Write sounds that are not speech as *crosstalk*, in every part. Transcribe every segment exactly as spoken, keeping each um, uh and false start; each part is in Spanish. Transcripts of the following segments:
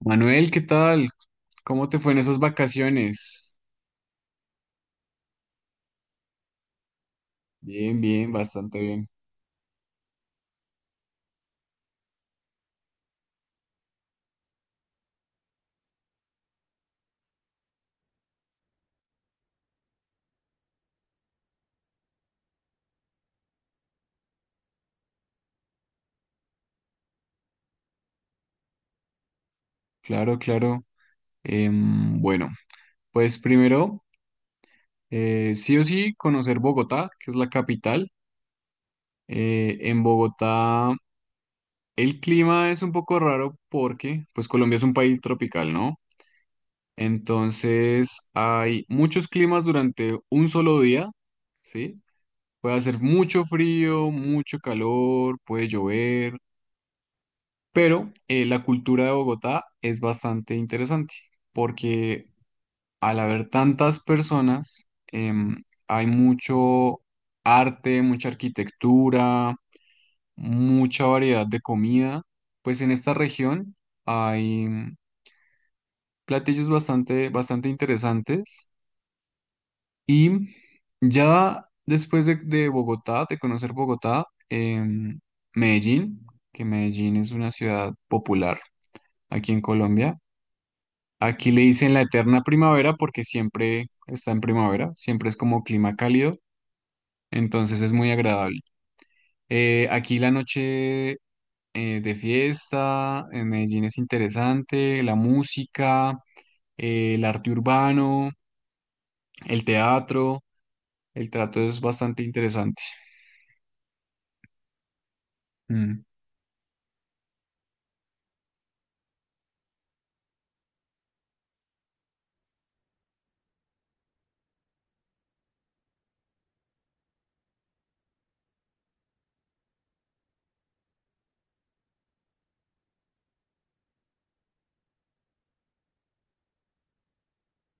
Manuel, ¿qué tal? ¿Cómo te fue en esas vacaciones? Bien, bien, bastante bien. Claro, claro. Em, bueno, pues primero, eh, sí o sí, conocer Bogotá, que es la capital. Eh, en Bogotá el clima es un poco raro porque, pues Colombia es un país tropical, ¿no? Entonces hay muchos climas durante un solo día, ¿sí? Puede hacer mucho frío, mucho calor, puede llover. Pero eh, la cultura de Bogotá es bastante interesante porque al haber tantas personas, em, hay mucho arte, mucha arquitectura, mucha variedad de comida. Pues en esta región hay mm, platillos bastante, bastante interesantes. Y ya después de, de Bogotá, de conocer Bogotá, em, Medellín, que Medellín es una ciudad popular aquí en Colombia. Aquí le dicen la eterna primavera porque siempre está en primavera, siempre es como clima cálido, entonces es muy agradable. Eh, aquí la noche eh, de fiesta en Medellín es interesante, la música, eh, el arte urbano, el teatro, el trato es bastante interesante. Mm.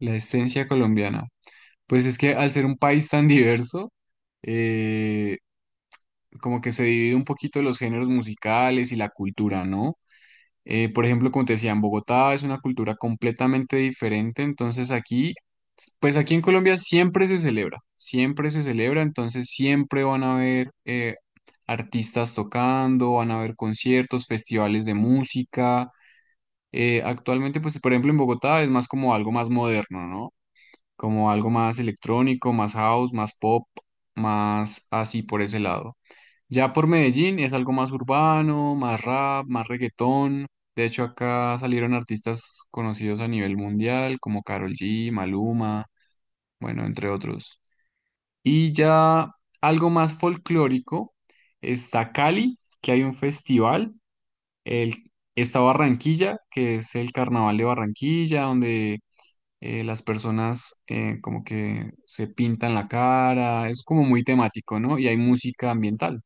La esencia colombiana. Pues es que al ser un país tan diverso, eh, como que se divide un poquito los géneros musicales y la cultura, ¿no? Eh, por ejemplo, como te decía, en Bogotá es una cultura completamente diferente, entonces aquí, pues aquí en Colombia siempre se celebra, siempre se celebra, entonces siempre van a haber eh, artistas tocando, van a haber conciertos, festivales de música. Eh, actualmente, pues por ejemplo en Bogotá es más como algo más moderno, ¿no? Como algo más electrónico, más house, más pop, más así por ese lado. Ya por Medellín es algo más urbano, más rap, más reggaetón. De hecho, acá salieron artistas conocidos a nivel mundial como Karol G, Maluma, bueno, entre otros. Y ya algo más folclórico está Cali, que hay un festival. El, está Barranquilla, que es el Carnaval de Barranquilla, donde eh, las personas eh, como que se pintan la cara. Es como muy temático, ¿no? Y hay música ambiental.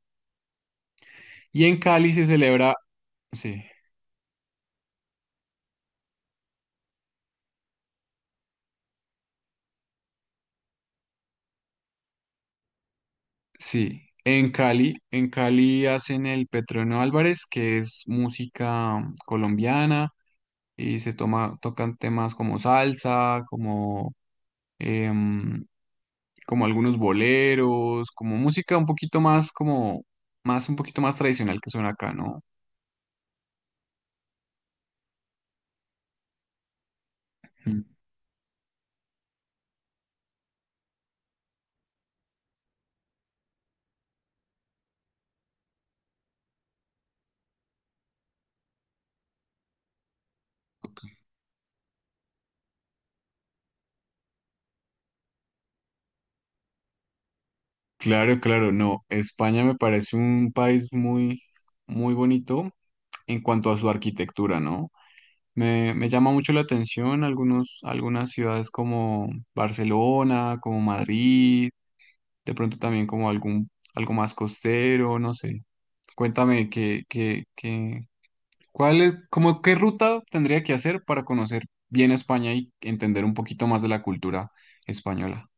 Y en Cali se celebra. Sí, sí. En Cali, en Cali hacen el Petreno Álvarez, que es música colombiana, y se toma, tocan temas como salsa, como, em, como algunos boleros, como música un poquito más, como, más, un poquito más tradicional que suena acá, ¿no? Mm. Ok. Claro, claro, no. España me parece un país muy, muy bonito en cuanto a su arquitectura, ¿no? Me, me llama mucho la atención algunos, algunas ciudades como Barcelona, como Madrid, de pronto también como algún, algo más costero, no sé. Cuéntame qué qué qué cuál es, como qué ruta tendría que hacer para conocer bien España y entender un poquito más de la cultura española.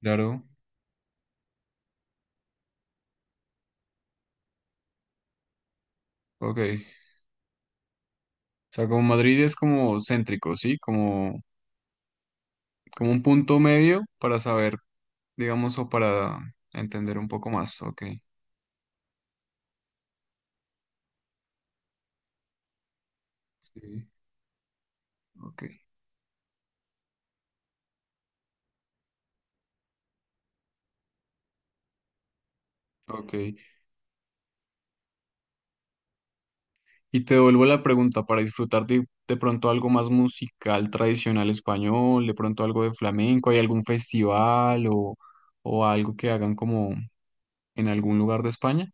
Claro, ok. O sea, como Madrid es como céntrico, ¿sí? Como, como un punto medio para saber, digamos, o para entender un poco más, ok. Sí. Ok, ok. Y te devuelvo la pregunta, para disfrutar de, de pronto algo más musical tradicional español, de pronto algo de flamenco, ¿hay algún festival o, o algo que hagan como en algún lugar de España?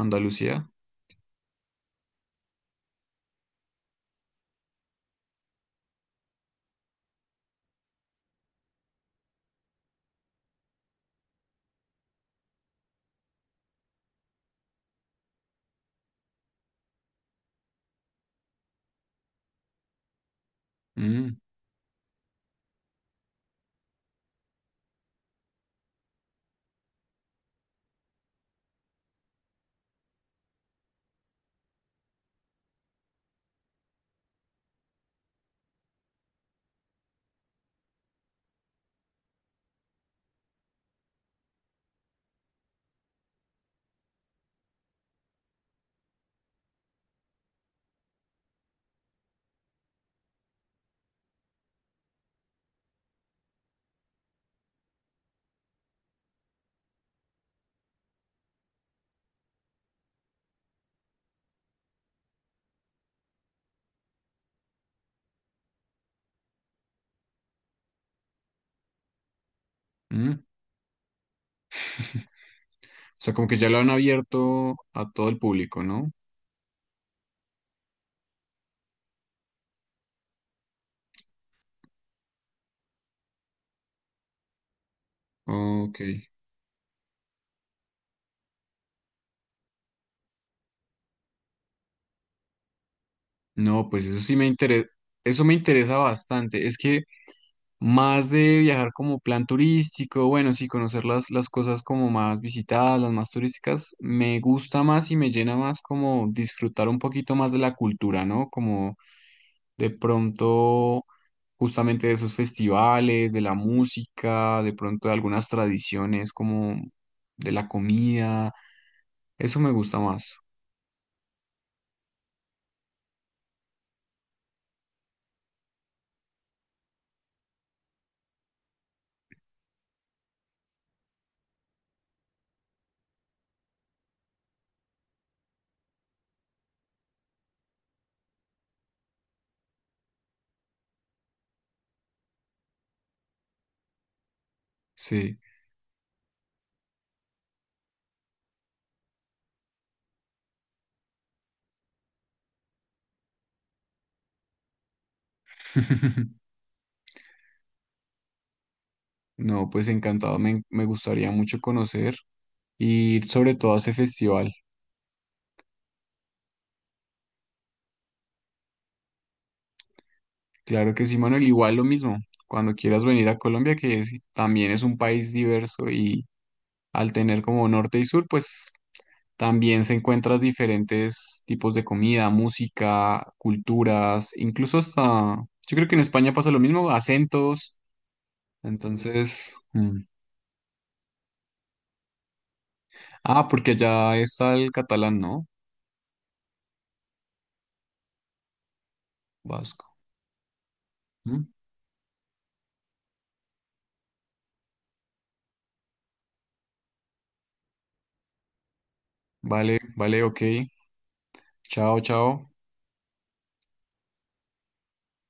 Andalucía. Mm, mm. O sea, como que ya lo han abierto a todo el público, ¿no? Ok. No, pues eso sí me interesa, eso me interesa bastante. Es que más de viajar como plan turístico, bueno, sí, conocer las, las cosas como más visitadas, las más turísticas, me gusta más y me llena más como disfrutar un poquito más de la cultura, ¿no? Como de pronto justamente de esos festivales, de la música, de pronto de algunas tradiciones como de la comida, eso me gusta más, sí. *laughs* No, pues encantado, me, me gustaría mucho conocer y ir sobre todo a ese festival. Claro que sí, Manuel, igual lo mismo. Cuando quieras venir a Colombia, que es- también es un país diverso y al tener como norte y sur, pues también se encuentras diferentes tipos de comida, música, culturas, incluso hasta, yo creo que en España pasa lo mismo, acentos. Entonces, mm. Ah, porque allá está el catalán, ¿no? Vasco. Mm. Vale, vale, ok. Chao, chao.